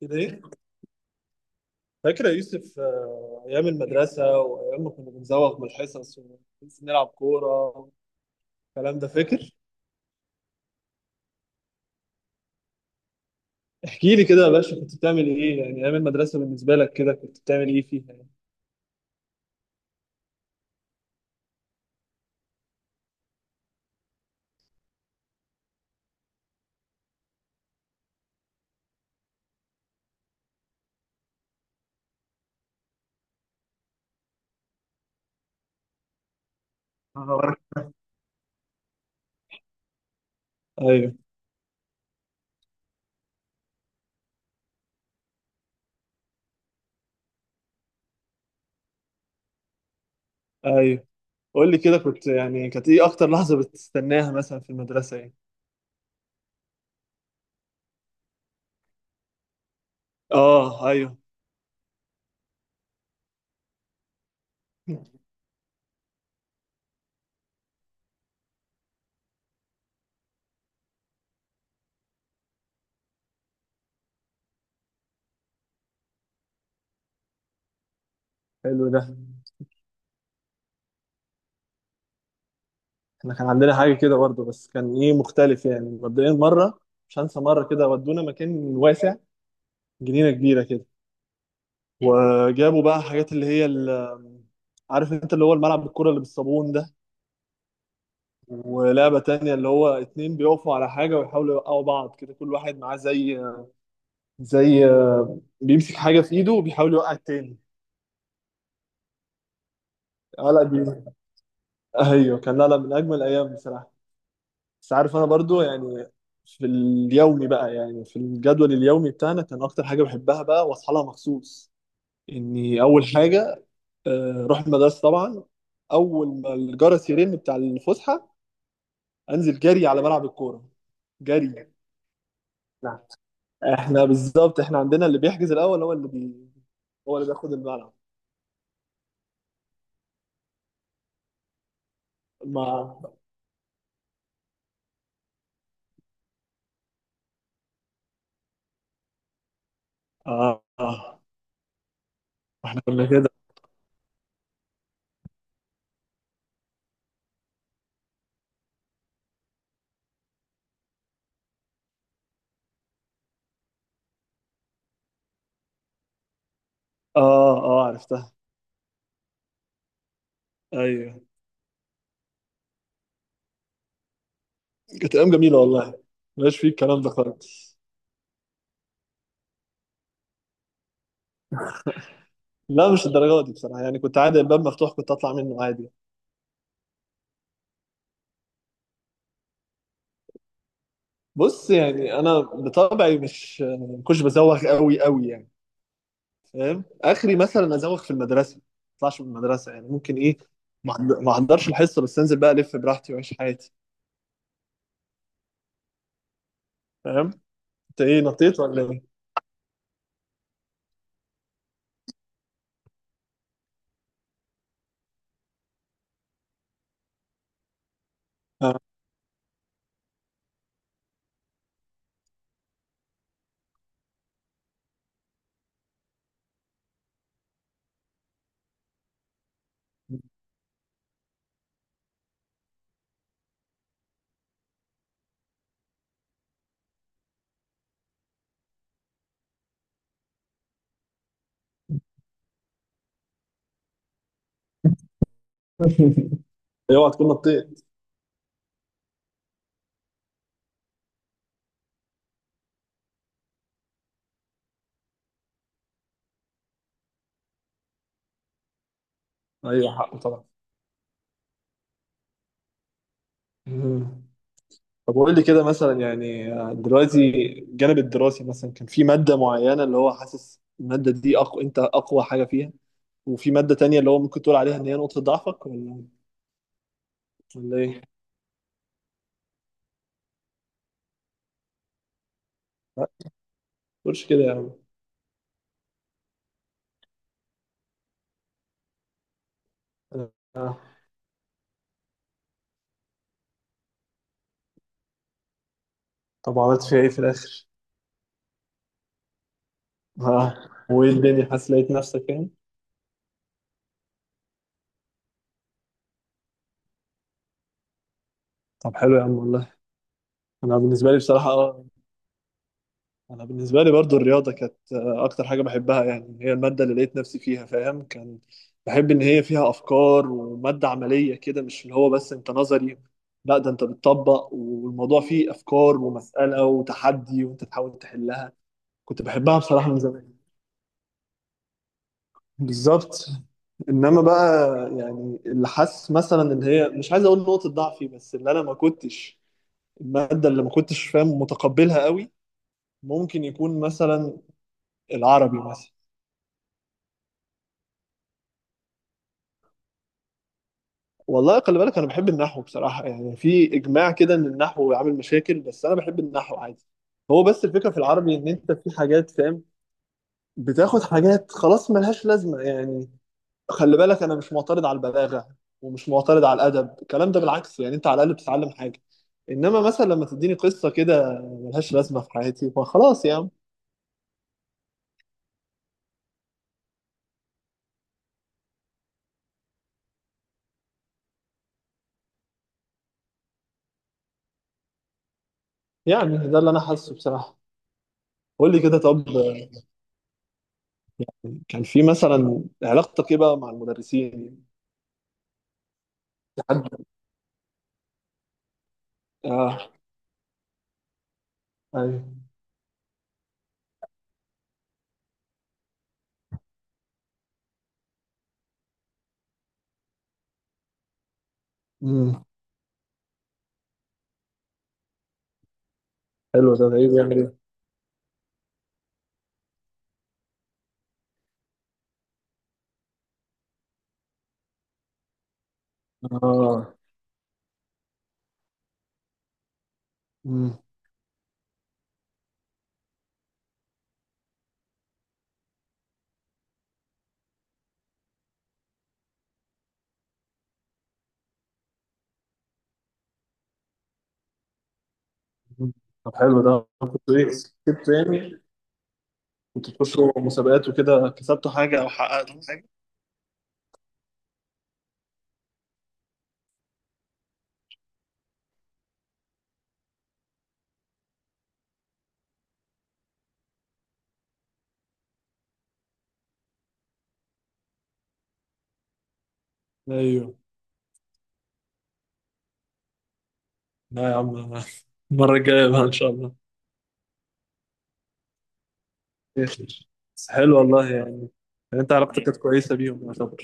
كده ايه؟ فاكر يا يوسف ايام المدرسه وايام ما كنا بنزوغ من الحصص ونلعب كوره. الكلام ده فاكر؟ احكي لي كده يا باشا، كنت بتعمل ايه يعني ايام المدرسه؟ بالنسبه لك كده كنت بتعمل ايه فيها يعني؟ أخبارك؟ ايوه. ايوه، قول لي كده، كنت يعني كانت ايه اكتر لحظه بتستناها مثلا في المدرسه يعني؟ اه ايوه. حلو ده. احنا كان عندنا حاجه كده برضه، بس كان ايه مختلف يعني. مبدئيا مره، مش هنسى مره كده ودونا مكان واسع، جنينه كبيره كده. وجابوا بقى حاجات اللي هي عارف انت اللي هو الملعب بالكرة اللي بالصابون ده. ولعبة تانية اللي هو اتنين بيقفوا على حاجة ويحاولوا يوقعوا بعض كده، كل واحد معاه زي، زي بيمسك حاجة في ايده وبيحاول يوقع التاني. اه لا دي، ايوه، كان لا من اجمل الايام بصراحة. بس عارف انا برضو يعني، في اليومي بقى، يعني في الجدول اليومي بتاعنا كان اكتر حاجة بحبها بقى واصحى لها مخصوص، اني اول حاجة اروح المدرسة طبعا. اول ما الجرس يرن بتاع الفسحة انزل جري على ملعب الكوره، جري. نعم. احنا بالظبط، احنا عندنا اللي بيحجز الاول هو هو اللي بياخد الملعب. ما اه اه. احنا كنا كده. اه اه، عرفتها. ايوه. كانت ايام جميله والله، مش في الكلام ده خالص. لا مش الدرجه دي بصراحه يعني، كنت عادي الباب مفتوح كنت اطلع منه عادي. بص يعني انا بطبعي مش ما كنتش بزوغ قوي قوي يعني. فاهم، اخري مثلا ازوغ في المدرسه، ما اطلعش من المدرسه يعني، ممكن ايه ما احضرش الحصه، بس انزل بقى الف براحتي واعيش حياتي. فاهم. انت ايه، نطيت ولا ايه؟ آه. اوعى تكون نطيت. ايوه حقه طبعا. مم. طب وقول لي كده مثلا يعني، دلوقتي الجانب الدراسي، مثلا كان في ماده معينه اللي هو حاسس الماده دي اقوى، انت اقوى حاجه فيها؟ وفي ماده تانية اللي هو ممكن تقول عليها ان هي نقطه ضعفك ولا ولا ايه؟ لا ما تقولش كده يا عم. آه. طب عملت فيها ايه في الاخر؟ اه، وايه الدنيا، حاسس لقيت نفسك يعني؟ طب حلو يا عم والله. انا بالنسبه لي بصراحه اه، انا بالنسبه لي برضو الرياضه كانت اكتر حاجه بحبها يعني، هي الماده اللي لقيت نفسي فيها، فاهم. كان بحب ان هي فيها افكار وماده عمليه كده، مش اللي هو بس انت نظري، لا ده انت بتطبق والموضوع فيه افكار ومساله وتحدي وانت تحاول تحلها. كنت بحبها بصراحه من زمان. بالظبط. انما بقى يعني اللي حاسس مثلا ان هي، مش عايز اقول نقطه ضعفي، بس اللي انا ما كنتش، المادة اللي ما كنتش فاهم متقبلها قوي، ممكن يكون مثلا العربي مثلا. والله خلي بالك انا بحب النحو بصراحة، يعني في اجماع كده ان النحو عامل مشاكل بس انا بحب النحو عادي. هو بس الفكرة في العربي ان انت في حاجات فاهم بتاخد حاجات خلاص ملهاش لازمة يعني. خلي بالك انا مش معترض على البلاغة ومش معترض على الادب الكلام ده، بالعكس يعني انت على الاقل بتتعلم حاجة. انما مثلا لما تديني قصة كده ملهاش لازمة في حياتي، فخلاص يعني. يعني ده اللي انا حاسه بصراحة. قول لي كده طب، كان في مثلا، علاقتك ايه بقى مع المدرسين؟ في حد؟ اه ايوه. امم. حلو ده، ده ايه بيعمل ايه؟ اه. امم. طب حلو ده، كنت ايه كسبت يعني؟ كنت تخشوا مسابقات وكده، كسبتوا حاجة او حققتوا حاجة؟ ايوه. لا يا عم، المرة الجاية بقى ان شاء الله. بس حلو والله يعني. يعني انت علاقتك كانت كويسة بيهم يعتبر؟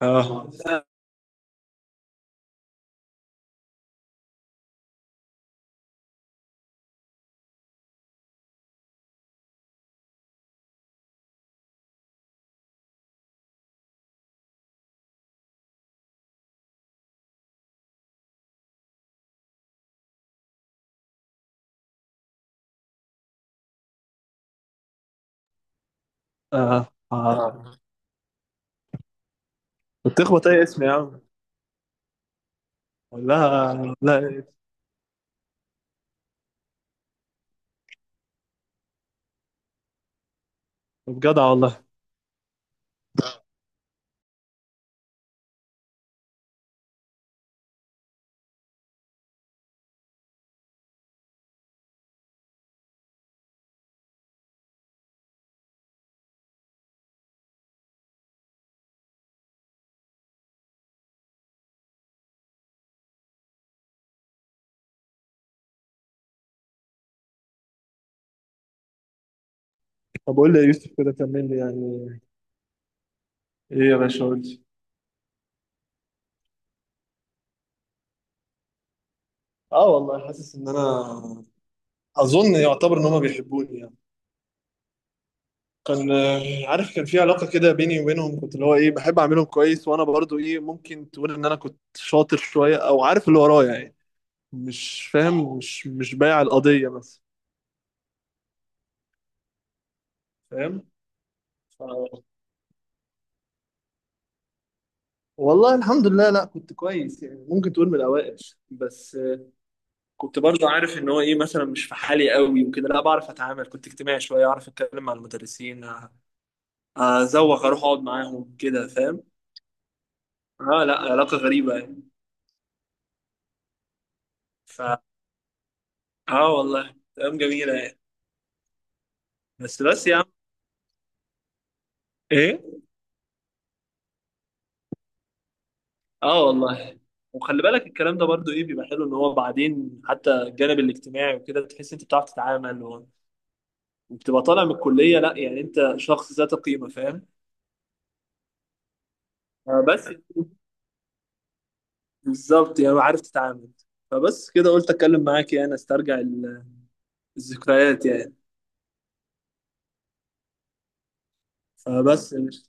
اه. اه. اه. بتخبط اي اسم يا عم ولا لا؟ بجدع والله. طب قول لي يا يوسف كده، كمل لي يعني. ايه يا باشا، قول لي. اه والله حاسس ان انا، اظن يعتبر ان هما بيحبوني يعني. كان عارف كان في علاقه كده بيني وبينهم، كنت اللي هو ايه بحب اعملهم كويس، وانا برضو ايه ممكن تقول ان انا كنت شاطر شويه او عارف اللي ورايا يعني، مش فاهم، مش بايع القضيه مثلا. فاهم. ف- والله الحمد لله لا كنت كويس يعني، ممكن تقول من الاوائل. بس كنت برضو عارف ان هو ايه مثلا، مش في حالي قوي وكده، لا بعرف اتعامل، كنت اجتماعي شويه، اعرف اتكلم مع المدرسين، ازوق اروح اقعد معاهم كده فاهم. اه لا علاقه غريبه يعني. ف اه والله ايام جميله يعني. بس بس يا عم. ايه. اه والله. وخلي بالك الكلام ده برضو ايه بيبقى حلو ان هو بعدين حتى الجانب الاجتماعي وكده، بتحس انت بتعرف تتعامل، وبتبقى طالع من الكليه، لا يعني انت شخص ذات قيمه فاهم. آه بس بالظبط يعني عارف تتعامل. فبس كده قلت اتكلم معاك يعني استرجع الذكريات يعني. فبس.